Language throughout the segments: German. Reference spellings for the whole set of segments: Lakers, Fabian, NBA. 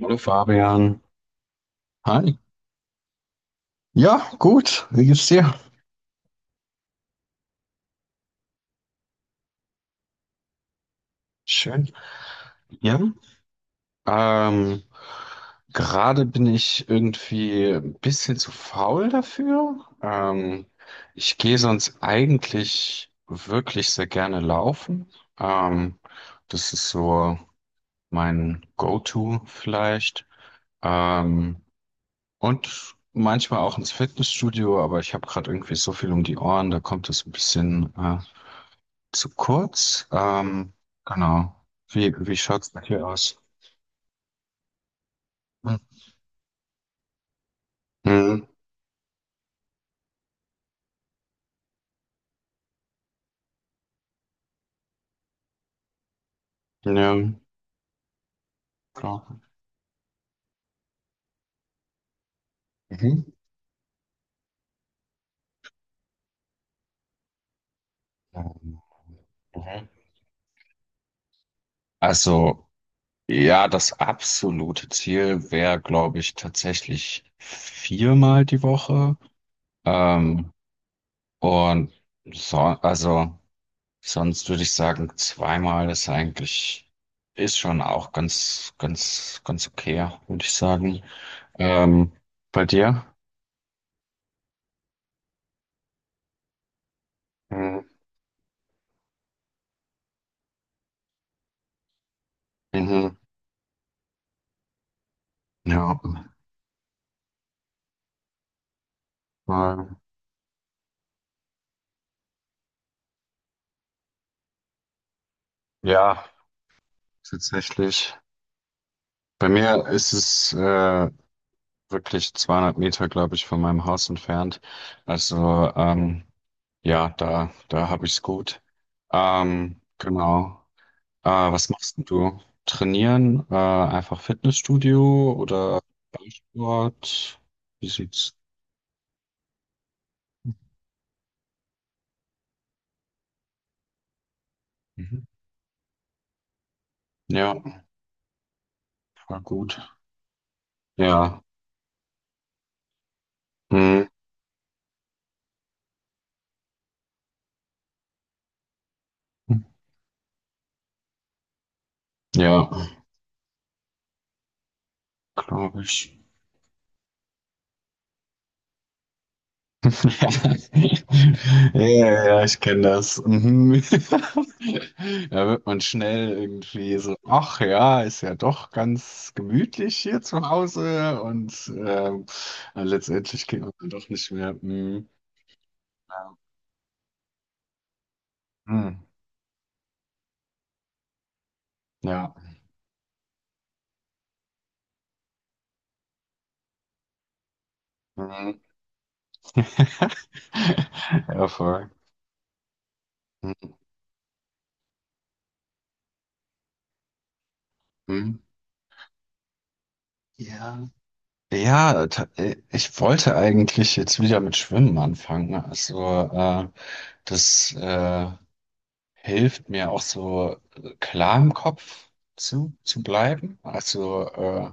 Hallo Fabian. Hi. Ja, gut. Wie geht's dir? Schön. Ja. Ähm, gerade bin ich irgendwie ein bisschen zu faul dafür. Ich gehe sonst eigentlich wirklich sehr gerne laufen. Ähm, das ist so mein Go-To vielleicht. Ähm, und manchmal auch ins Fitnessstudio, aber ich habe gerade irgendwie so viel um die Ohren, da kommt es ein bisschen zu kurz. Genau. Wie schaut's bei dir aus? Hm. Mhm. Ja, klar. Mhm. Ähm, mhm. Also, ja, das absolute Ziel wäre, glaube ich, tatsächlich viermal die Woche. Ähm, und so, also, sonst würde ich sagen, zweimal ist eigentlich, ist schon auch ganz, ganz, ganz okay, würde ich sagen. Ähm, bei dir? Mhm. Mhm. Ja, weil, ja, tatsächlich. Bei mir ist es wirklich 200 Meter, glaube ich, von meinem Haus entfernt. Also ja, da, da habe ich's gut. Genau. Was machst denn du? Trainieren? Einfach Fitnessstudio oder Ballsport? Wie sieht's? Mhm. Ja, war gut. Ja. Mhm. Ja, glaube ich. Ja, ja, ja, ja, ich kenne das. Mhm. Da wird man schnell irgendwie so, ach ja, ist ja doch ganz gemütlich hier zu Hause und letztendlich geht man dann doch nicht mehr. Mhm. Ja. Mhm. Ja. Mhm. Ja, voll. Mhm. Ja. Ja, ich wollte eigentlich jetzt wieder mit Schwimmen anfangen. Also äh, das hilft mir auch so klar im Kopf zu bleiben. Also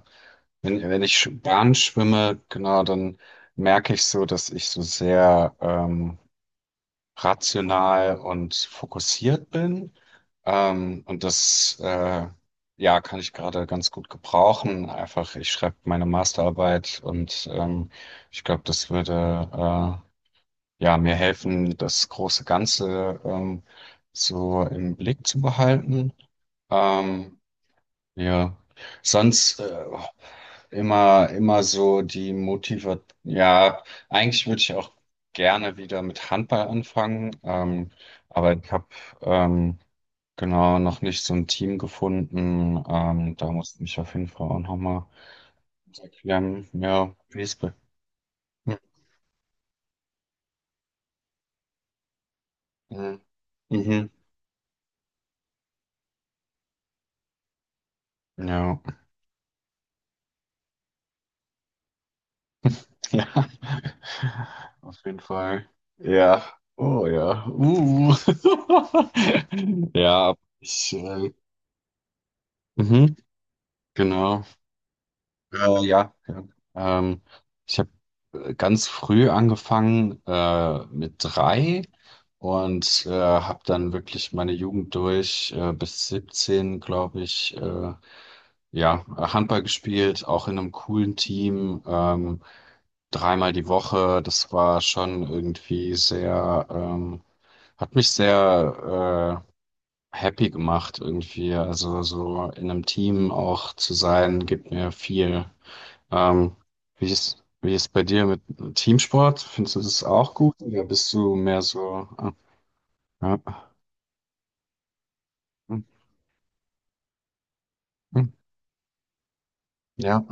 wenn ich Bahn schwimme, genau, dann merke ich so, dass ich so sehr rational und fokussiert bin. Und das ja, kann ich gerade ganz gut gebrauchen. Einfach, ich schreibe meine Masterarbeit und ich glaube, das würde ja, mir helfen, das große Ganze so im Blick zu behalten. Ähm, ja, sonst immer, immer so die Motiva, ja, eigentlich würde ich auch gerne wieder mit Handball anfangen, aber ich habe ähm, genau noch nicht so ein Team gefunden. Da muss ich mich auf jeden Fall auch nochmal erklären, ja, wie es bei. Mhm. Mhm. Ja. Ja, auf jeden Fall. Ja, oh ja. Ja, ich, mhm. Genau. Ja, ja. Ähm, ich habe ganz früh angefangen mit drei und habe dann wirklich meine Jugend durch bis 17, glaube ich, ja, Handball gespielt, auch in einem coolen Team, dreimal die Woche. Das war schon irgendwie sehr, hat mich sehr happy gemacht irgendwie. Also so in einem Team auch zu sein, gibt mir viel. Ähm, wie ist, wie ist bei dir mit Teamsport? Findest du das auch gut? Oder bist du mehr so, äh, äh, ja,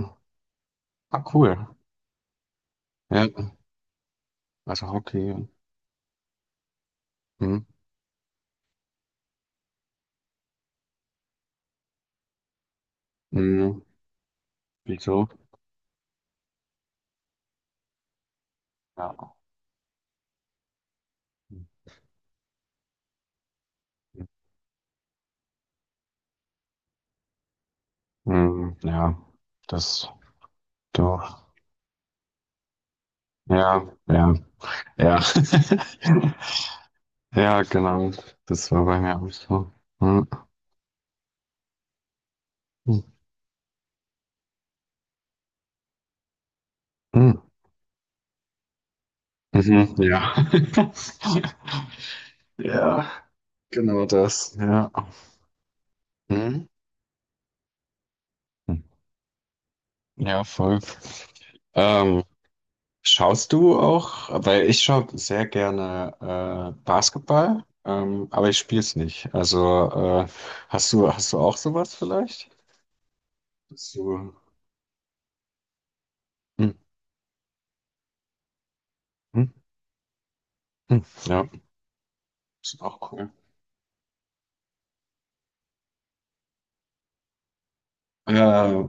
ah, cool. Ja, also Hockey. Hm, hm, wieso? Ja. Hm, ja, das doch. Ja, ja, ja. Ja, genau. Das war bei mir auch so. Hm, hm, hm, Mhm, ja. Ja, genau das. Ja. Hm? Hm, ja, voll. Ähm, schaust du auch, weil ich schaue sehr gerne Basketball, aber ich spiele es nicht. Also hast du auch sowas vielleicht? Hast du. Hm, hm, hm, ja, das ist auch cool. Äh,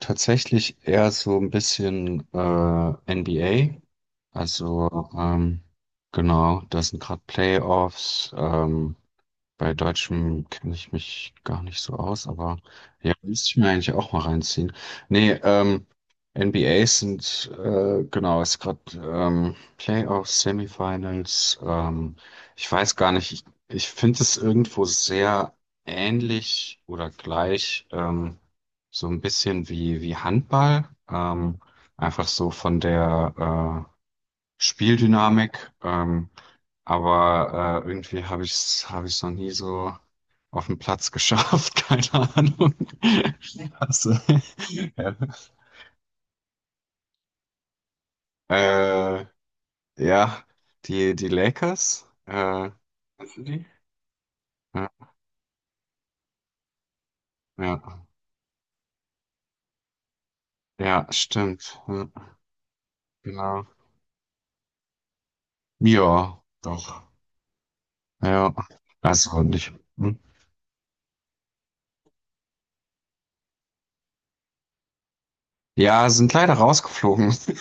tatsächlich eher so ein bisschen NBA. Also ähm, genau, da sind gerade Playoffs. Bei Deutschem kenne ich mich gar nicht so aus, aber ja, müsste ich mir eigentlich auch mal reinziehen. Nee, NBAs sind, genau, ist gerade Playoffs, Semifinals. Ich weiß gar nicht, ich finde es irgendwo sehr ähnlich oder gleich, so ein bisschen wie Handball. Einfach so von der äh, Spieldynamik, aber irgendwie hab ich's noch nie so auf den Platz geschafft, keine Ahnung. Also, ja. Äh, ja, die Lakers, kennst du die? Ja, ja, ja, stimmt. Ja, genau. Ja, doch. Ja, also nicht. Hm. Ja, sind leider rausgeflogen.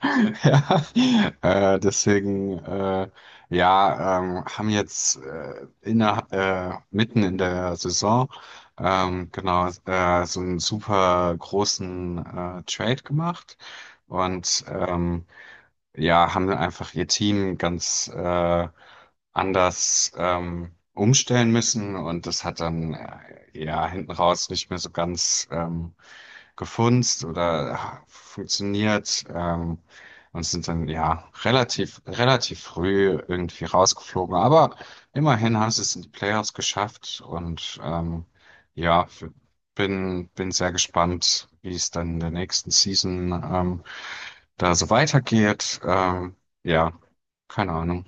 Ja, deswegen, ja, haben jetzt mitten in der Saison genau so einen super großen Trade gemacht und ja, haben einfach ihr Team ganz anders umstellen müssen und das hat dann ja hinten raus nicht mehr so ganz gefunzt oder funktioniert und sind dann ja relativ früh irgendwie rausgeflogen. Aber immerhin haben sie es in die Playoffs geschafft und ja, bin sehr gespannt, wie es dann in der nächsten Season da so weitergeht. Ja, keine Ahnung.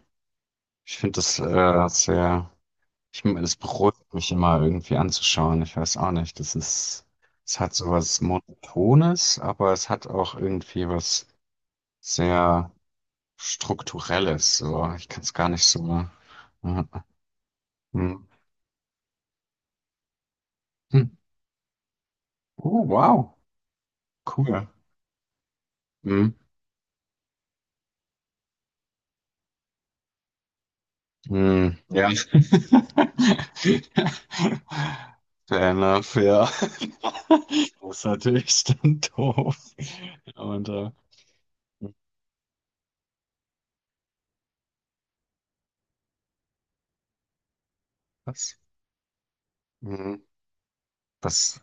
Ich finde das sehr. Das beruhigt mich immer irgendwie anzuschauen. Ich weiß auch nicht. Das ist, es hat sowas Monotones, aber es hat auch irgendwie was sehr Strukturelles. So, ich kann es gar nicht so. äh, hm. Hm. Oh, wow. Cool. Hm. Hm. Ja. Fair enough, ja. Das ist natürlich dann doof. Und hm, was? Hm. Was?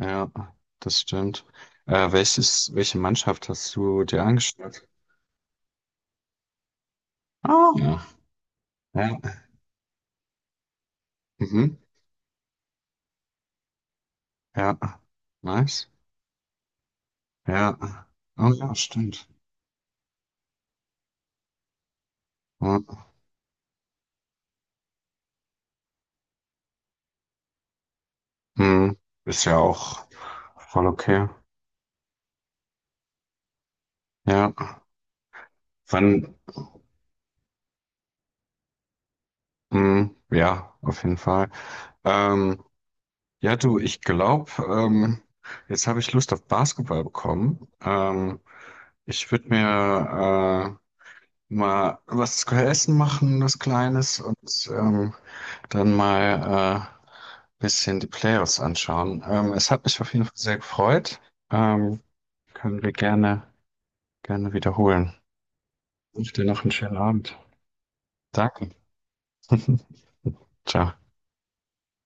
Ja, das stimmt. Welche Mannschaft hast du dir angeschaut? Ah, ja. Ja. Mhm. Ja. Nice. Ja. Oh ja, stimmt. Ja. Mhm. Ist ja auch voll okay. Ja. Wann? Mhm. Ja, auf jeden Fall. Ähm, ja, du, ich glaube, jetzt habe ich Lust auf Basketball bekommen. Ich würde mir mal was zu essen machen, was Kleines und ähm, dann mal bisschen die Playoffs anschauen. Es hat mich auf jeden Fall sehr gefreut. Ähm, können wir gerne, gerne wiederholen. Ich wünsche dir noch einen schönen Abend. Danke. Ciao.